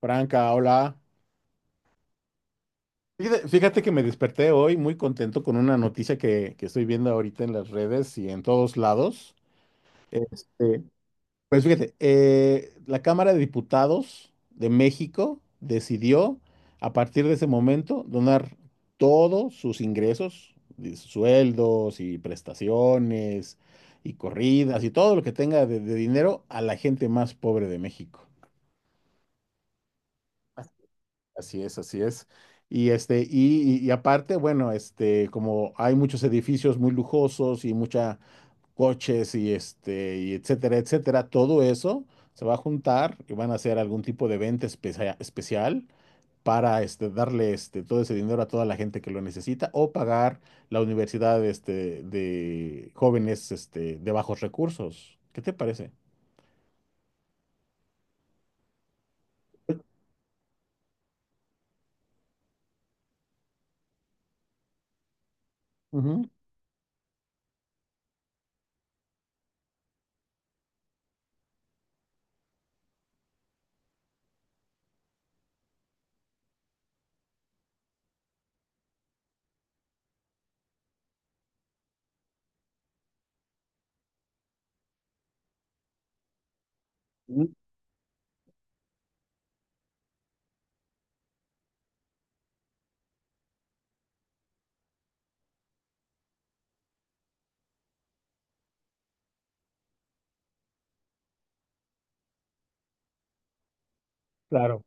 Franca, hola. Fíjate que me desperté hoy muy contento con una noticia que estoy viendo ahorita en las redes y en todos lados. Este, pues fíjate, la Cámara de Diputados de México decidió a partir de ese momento donar todos sus ingresos, de sueldos y prestaciones y corridas y todo lo que tenga de dinero a la gente más pobre de México. Así es, así es. Y aparte, bueno, como hay muchos edificios muy lujosos y mucha coches y y etcétera, etcétera, todo eso se va a juntar y van a hacer algún tipo de evento especial para darle todo ese dinero a toda la gente que lo necesita o pagar la universidad de jóvenes de bajos recursos. ¿Qué te parece? Ujú. Mm. Claro.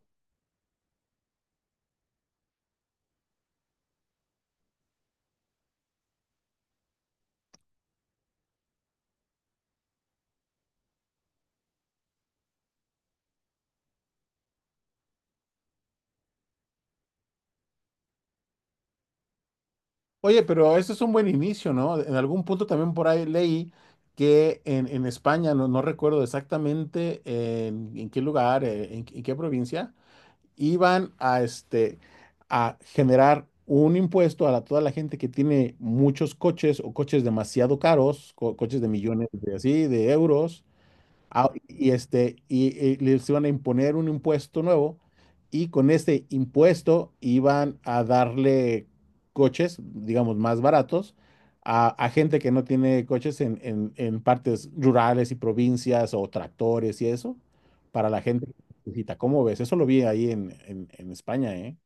Oye, pero eso es un buen inicio, ¿no? En algún punto también por ahí leí que en España, no recuerdo exactamente en qué lugar, en qué provincia, iban a, a generar un impuesto a toda la gente que tiene muchos coches o coches demasiado caros, coches de millones de así, de euros. Ah, y les iban a imponer un impuesto nuevo, y con este impuesto iban a darle coches, digamos, más baratos a gente que no tiene coches en partes rurales y provincias o tractores y eso, para la gente que necesita. ¿Cómo ves? Eso lo vi ahí en España, ¿eh?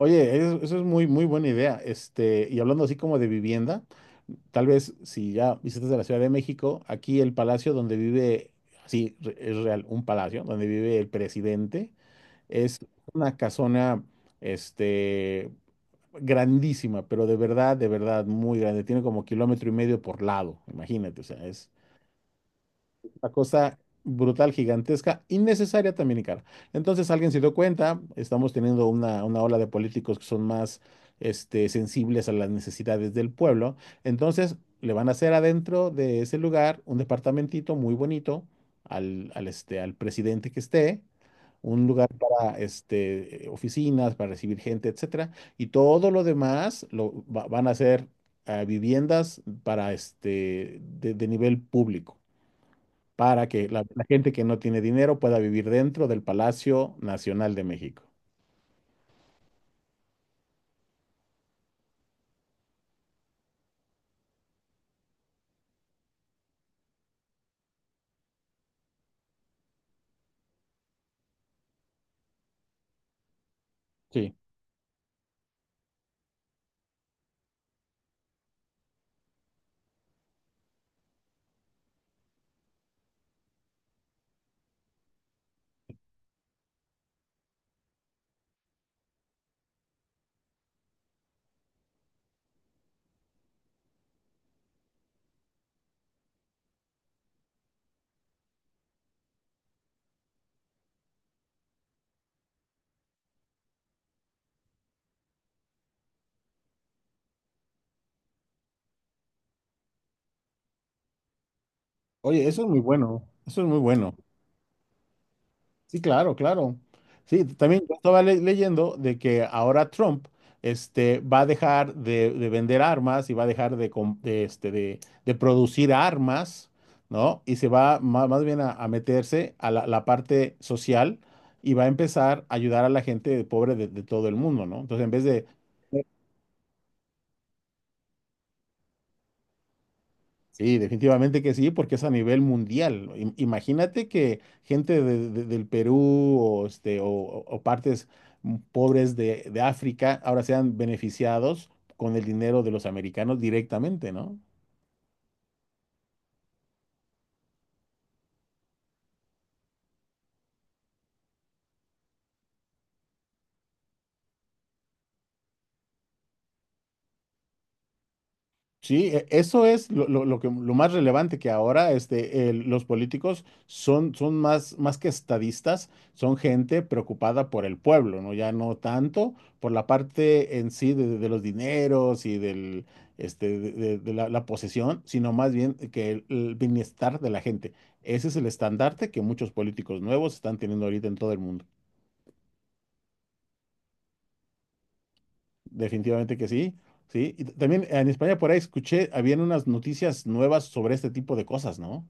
Oye, eso es muy buena idea. Y hablando así como de vivienda. Tal vez si ya visitas a la Ciudad de México, aquí el palacio donde vive, sí, es real, un palacio donde vive el presidente, es una casona, este, grandísima, pero de verdad, muy grande. Tiene como kilómetro y medio por lado, imagínate, o sea, es una cosa brutal, gigantesca, innecesaria también y cara. Entonces alguien se dio cuenta, estamos teniendo una ola de políticos que son más sensibles a las necesidades del pueblo. Entonces le van a hacer adentro de ese lugar un departamentito muy bonito al presidente que esté. Un lugar para oficinas, para recibir gente, etcétera, y todo lo demás van a ser viviendas para este de nivel público para que la gente que no tiene dinero pueda vivir dentro del Palacio Nacional de México. Sí. Oye, eso es muy bueno, eso es muy bueno. Sí, claro, claro. Sí, también yo estaba leyendo de que ahora Trump va a dejar de vender armas y va a dejar de, com- de, este, de producir armas, ¿no? Y se va más bien a meterse a la parte social y va a empezar a ayudar a la gente pobre de todo el mundo, ¿no? Entonces, en vez de... Sí, definitivamente que sí, porque es a nivel mundial. Imagínate que gente del Perú o, este, o partes pobres de África ahora sean beneficiados con el dinero de los americanos directamente, ¿no? Sí, eso es lo que, lo más relevante que ahora los políticos son, son más, más que estadistas, son gente preocupada por el pueblo, ¿no? Ya no tanto por la parte en sí de los dineros y del, este, de la posesión, sino más bien que el bienestar de la gente. Ese es el estandarte que muchos políticos nuevos están teniendo ahorita en todo el mundo. Definitivamente que sí, sí. Y también en España por ahí escuché, habían unas noticias nuevas sobre este tipo de cosas, ¿no?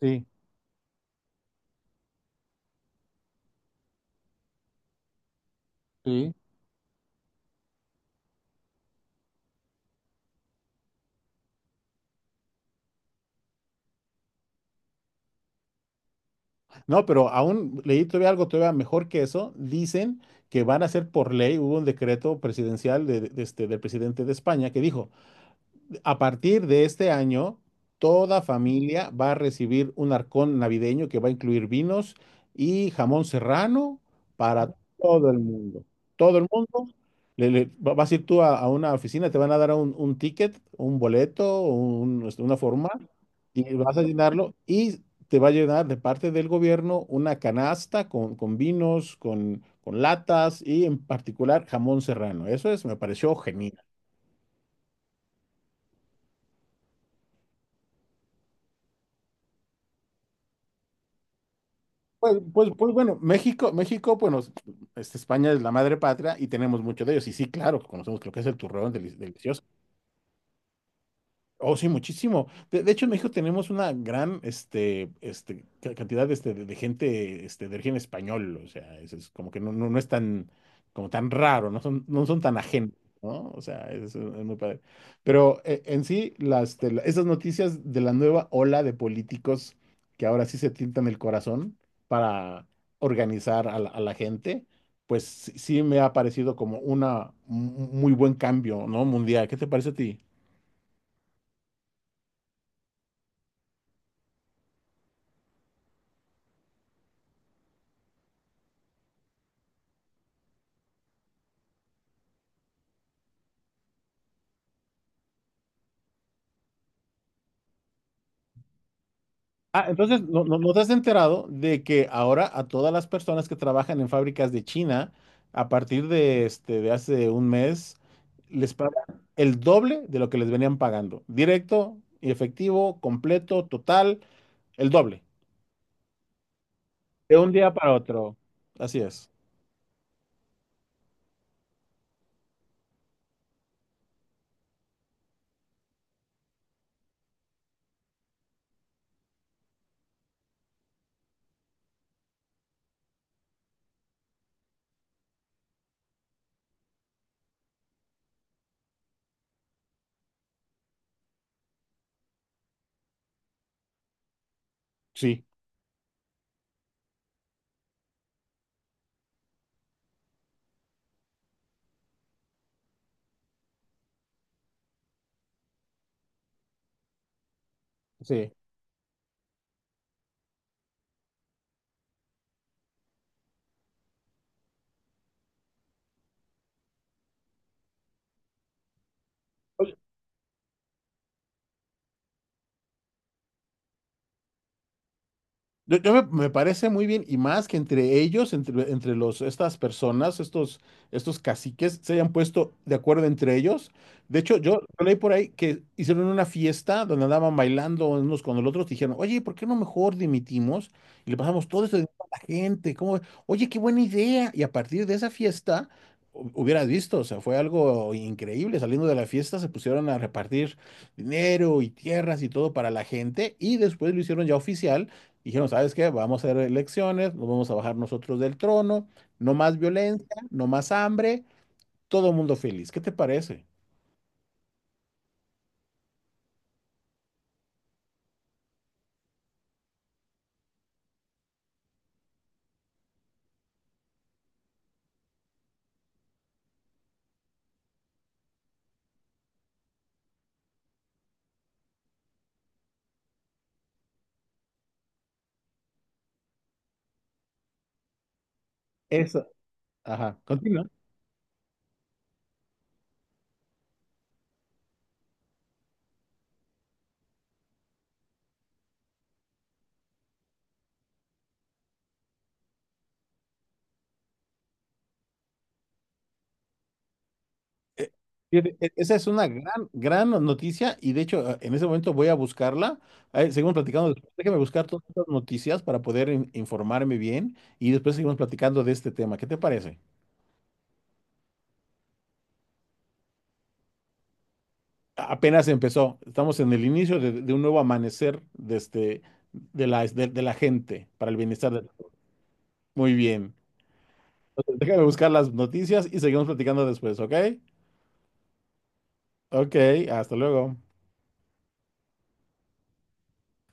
Sí, sí. No, pero aún leí todavía algo todavía mejor que eso. Dicen que van a hacer por ley, hubo un decreto presidencial del presidente de España que dijo, a partir de este año, toda familia va a recibir un arcón navideño que va a incluir vinos y jamón serrano para todo el mundo. Todo el mundo. Vas a ir tú a una oficina, te van a dar un ticket, un boleto, una forma, y vas a llenarlo y te va a llenar de parte del gobierno una canasta con vinos, con latas y en particular jamón serrano. Eso es, me pareció genial. Pues bueno, México, México, bueno, España es la madre patria y tenemos mucho de ellos. Y sí, claro, conocemos lo que es el turrón delicioso. Oh, sí, muchísimo. De hecho, en México tenemos una gran cantidad de gente de origen español. O sea, es como que no, no, no es tan, como tan raro, no son, no son tan ajenos, ¿no? O sea, es muy padre. Pero en sí, las, esas noticias de la nueva ola de políticos que ahora sí se tientan el corazón para organizar a a la gente, pues sí, sí me ha parecido como una, un muy buen cambio, ¿no? Mundial. ¿Qué te parece a ti? Ah, entonces, ¿no, no, no te has enterado de que ahora a todas las personas que trabajan en fábricas de China, a partir de hace un mes, les pagan el doble de lo que les venían pagando? Directo y efectivo, completo, total, el doble. De un día para otro. Así es. Sí, sí. Yo me, me parece muy bien, y más que entre ellos, entre los, estas personas, estos caciques, se hayan puesto de acuerdo entre ellos. De hecho, yo leí por ahí que hicieron una fiesta donde andaban bailando unos con los otros, dijeron, oye, ¿por qué no mejor dimitimos y le pasamos todo eso dinero a la gente? ¿Cómo ve? Oye, qué buena idea. Y a partir de esa fiesta, hubieras visto, o sea, fue algo increíble. Saliendo de la fiesta, se pusieron a repartir dinero y tierras y todo para la gente, y después lo hicieron ya oficial. Dijeron, ¿sabes qué? Vamos a hacer elecciones, nos vamos a bajar nosotros del trono, no más violencia, no más hambre, todo mundo feliz. ¿Qué te parece? Eso, ajá, continúa. Eh, Fíjate, esa es una gran, gran noticia y de hecho en ese momento voy a buscarla. Seguimos platicando después. Déjame buscar todas estas noticias para poder informarme bien y después seguimos platicando de este tema. ¿Qué te parece? Apenas empezó. Estamos en el inicio de un nuevo amanecer de la de la gente para el bienestar de... Muy bien. Déjame buscar las noticias y seguimos platicando después, ¿ok? Ok, hasta luego.